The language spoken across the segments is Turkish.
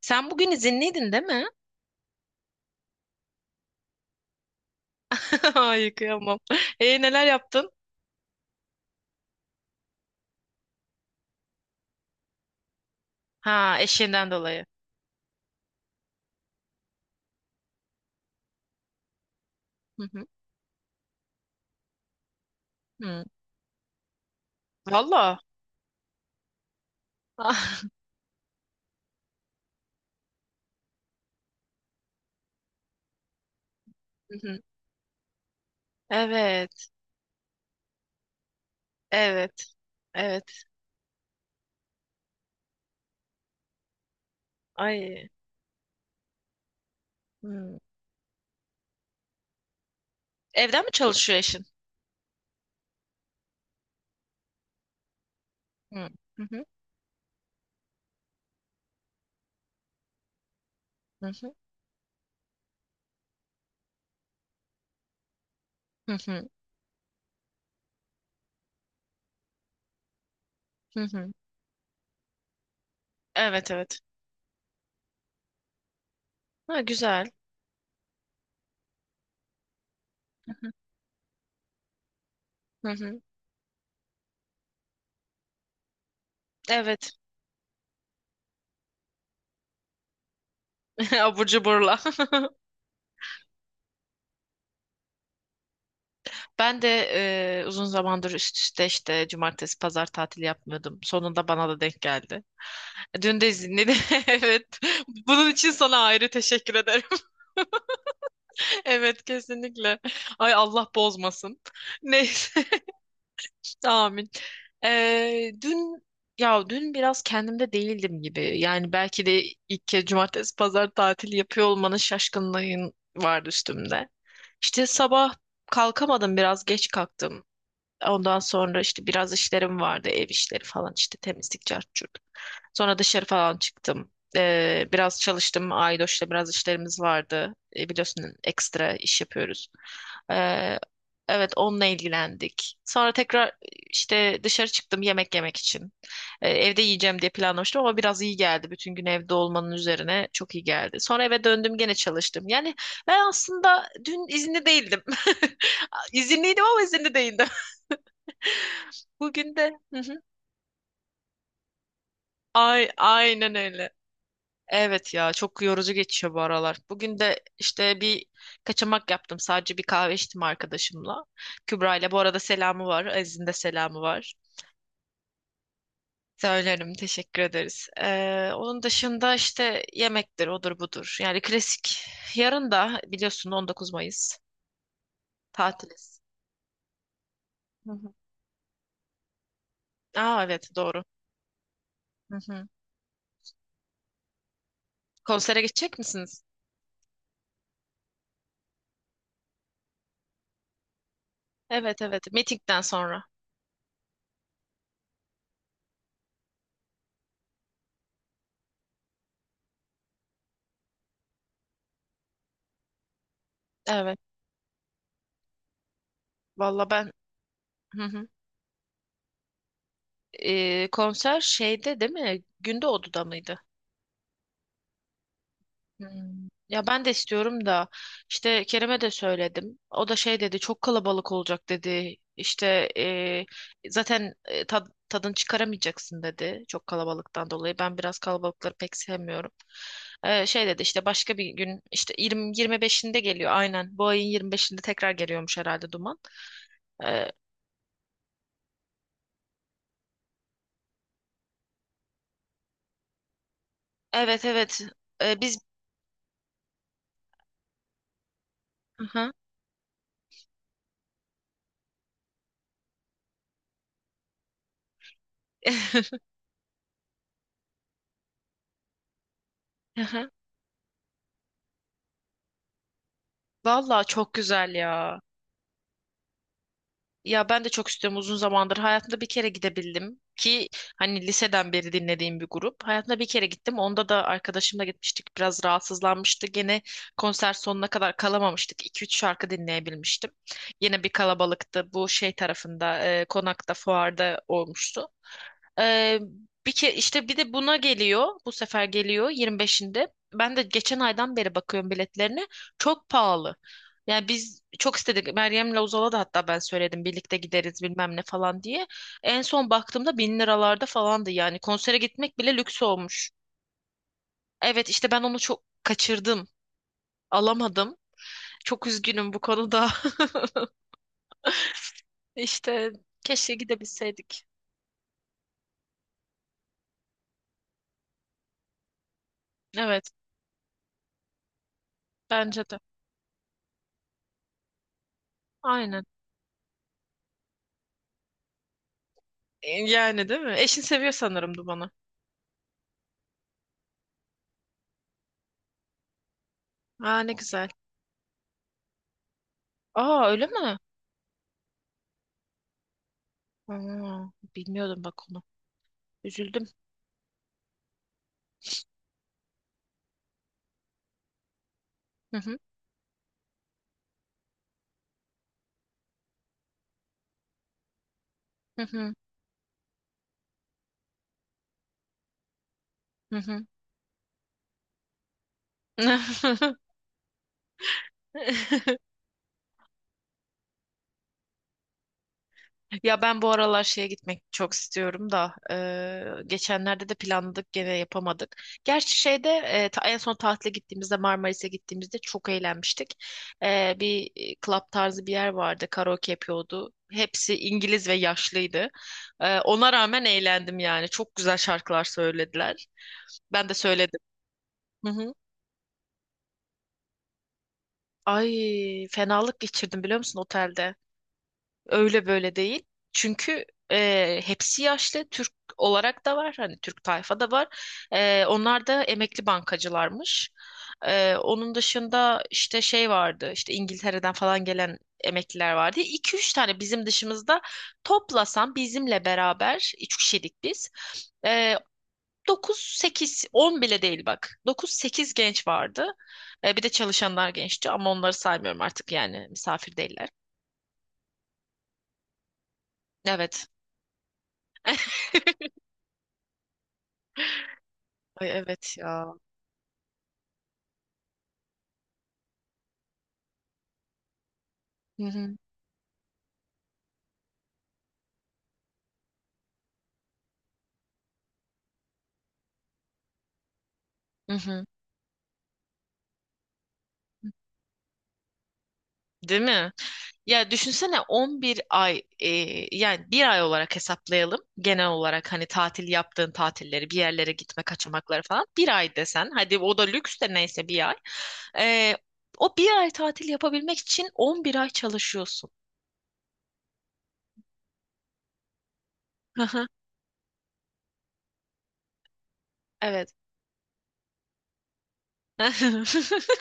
Sen bugün izinliydin değil mi? Ay kıyamam. E neler yaptın? Ha, eşinden dolayı. Hı hı. Hı. Valla. Ah, hı hı. Evet. Evet. Evet. Ay. Hı. Evden mi çalışıyor eşin? Hı. Hı hı. Hı hı. Hı hı. Hı hı. Evet evet. Ha, güzel. Hı hı. Evet. Abur cuburla. Ben de uzun zamandır üst üste işte cumartesi pazar tatili yapmıyordum. Sonunda bana da denk geldi. Dün de dinledim. Evet. Bunun için sana ayrı teşekkür ederim. Evet, kesinlikle. Ay Allah bozmasın. Neyse. Amin. Ee, dün dün biraz kendimde değildim gibi. Yani belki de ilk kez cumartesi pazar tatili yapıyor olmanın şaşkınlığın vardı üstümde. İşte sabah kalkamadım, biraz geç kalktım. Ondan sonra işte biraz işlerim vardı, ev işleri falan, işte temizlik, cart curt. Sonra dışarı falan çıktım. Biraz çalıştım. Aydoş'la biraz işlerimiz vardı. Biliyorsun ekstra iş yapıyoruz. Ee, evet onunla ilgilendik. Sonra tekrar işte dışarı çıktım yemek yemek için. Evde yiyeceğim diye planlamıştım ama biraz iyi geldi. Bütün gün evde olmanın üzerine çok iyi geldi. Sonra eve döndüm gene çalıştım. Yani ben aslında dün izinli değildim. İzinliydim ama izinli değildim. Bugün de. Hı hı. Ay, aynen öyle. Evet ya, çok yorucu geçiyor bu aralar. Bugün de işte bir kaçamak yaptım. Sadece bir kahve içtim arkadaşımla. Kübra ile bu arada, selamı var. Aziz'in de selamı var. Söylerim, teşekkür ederiz. Onun dışında işte yemektir odur budur. Yani klasik. Yarın da biliyorsun 19 Mayıs tatiliz. Hı hı. Aa, evet doğru. Hı hı. Konsere gidecek misiniz? Evet evet. Meetingden sonra. Evet. Valla ben. Hı hı. Konser şeyde değil mi? Günde Odu'da mıydı? Hmm. Ya ben de istiyorum da işte Kerem'e de söyledim. O da şey dedi, çok kalabalık olacak dedi. İşte zaten tadını çıkaramayacaksın dedi, çok kalabalıktan dolayı. Ben biraz kalabalıkları pek sevmiyorum. E, şey dedi, işte başka bir gün, işte 20 25'inde geliyor aynen. Bu ayın 25'inde tekrar geliyormuş herhalde Duman. E, evet evet. E, biz. Aha. Aha. Vallahi çok güzel ya. Ya ben de çok istiyorum uzun zamandır. Hayatımda bir kere gidebildim ki, hani liseden beri dinlediğim bir grup. Hayatımda bir kere gittim. Onda da arkadaşımla gitmiştik. Biraz rahatsızlanmıştı. Gene konser sonuna kadar kalamamıştık. 2 üç şarkı dinleyebilmiştim. Yine bir kalabalıktı. Bu şey tarafında, konakta, fuarda olmuştu. Ee, bir ke işte bir de buna geliyor. Bu sefer geliyor 25'inde. Ben de geçen aydan beri bakıyorum biletlerine. Çok pahalı. Yani biz çok istedik. Meryem'le Uzal'a da hatta ben söyledim, birlikte gideriz bilmem ne falan diye. En son baktığımda bin liralarda falandı yani. Konsere gitmek bile lüks olmuş. Evet, işte ben onu çok kaçırdım. Alamadım. Çok üzgünüm bu konuda. İşte keşke gidebilseydik. Evet, bence de. Aynen. E, yani değil mi? Eşin seviyor sanırım Duman'ı. Aa, ne güzel. Aa, öyle mi? Aa, bilmiyordum bak onu. Üzüldüm. Hı hı. Hı hı. Hı hı. Ya ben bu aralar şeye gitmek çok istiyorum da geçenlerde de planladık, gene yapamadık. Gerçi şeyde en son tatile gittiğimizde, Marmaris'e gittiğimizde çok eğlenmiştik. Bir club tarzı bir yer vardı, karaoke yapıyordu. Hepsi İngiliz ve yaşlıydı. Ona rağmen eğlendim yani, çok güzel şarkılar söylediler. Ben de söyledim. Hı hı. Ay fenalık geçirdim biliyor musun otelde? Öyle böyle değil. Çünkü hepsi yaşlı. Türk olarak da var. Hani Türk tayfa da var. E, onlar da emekli bankacılarmış. E, onun dışında işte şey vardı. İşte İngiltere'den falan gelen emekliler vardı. 2 üç tane bizim dışımızda, toplasan bizimle beraber 3 kişilik biz. E, 9-8, 10 bile değil bak. Dokuz sekiz genç vardı. E, bir de çalışanlar gençti ama onları saymıyorum artık, yani misafir değiller. Evet. Ay evet ya. Hı hı. Hı hı. Değil mi? Ya düşünsene 11 ay yani, bir ay olarak hesaplayalım. Genel olarak hani tatil yaptığın tatilleri, bir yerlere gitme kaçamakları falan bir ay desen. Hadi o da lüks de, neyse, bir ay. E, o bir ay tatil yapabilmek için 11 ay çalışıyorsun. Hı hı. Evet.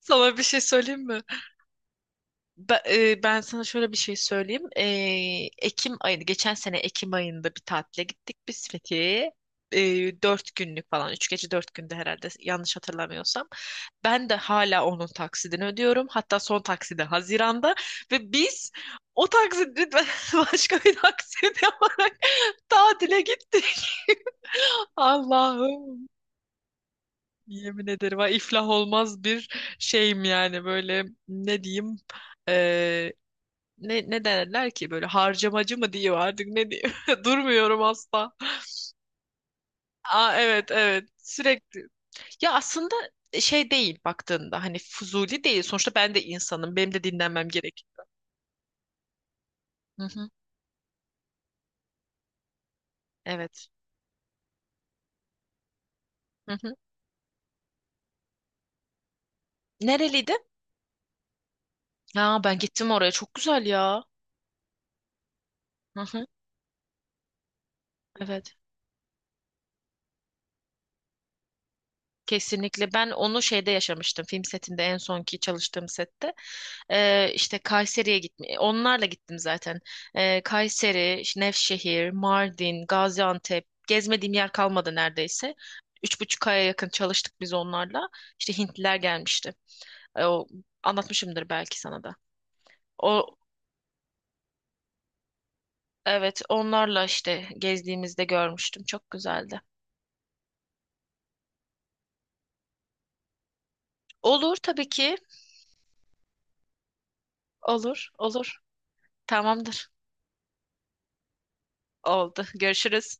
Sana bir şey söyleyeyim mi? Ben sana şöyle bir şey söyleyeyim. Ekim ayıydı. Geçen sene Ekim ayında bir tatile gittik biz Fethiye'ye. 4 günlük falan. 3 gece 4 günde herhalde, yanlış hatırlamıyorsam. Ben de hala onun taksidini ödüyorum. Hatta son taksidi Haziran'da. Ve biz o taksidi başka bir taksit yaparak tatile gittik. Allah'ım. Yemin ederim ha, iflah olmaz bir şeyim yani, böyle ne diyeyim, ne derler ki böyle, harcamacı mı diyor artık, ne diyor. Durmuyorum asla. Aa, evet evet, sürekli. Ya aslında şey değil baktığında, hani fuzuli değil. Sonuçta ben de insanım. Benim de dinlenmem gerek. Hı hı, evet. Hı hı. Nereliydi? Ha, ben gittim oraya. Çok güzel ya. Hı hı, evet. Kesinlikle. Ben onu şeyde yaşamıştım, film setinde, en sonki çalıştığım sette. İşte Kayseri'ye gitme onlarla gittim zaten. Kayseri, işte Nevşehir, Mardin, Gaziantep, gezmediğim yer kalmadı neredeyse. 3,5 aya yakın çalıştık biz onlarla. İşte Hintliler gelmişti. O, anlatmışımdır belki sana da o. Evet, onlarla işte gezdiğimizde görmüştüm, çok güzeldi. Olur tabii ki. Olur olur. Tamamdır. Oldu, görüşürüz.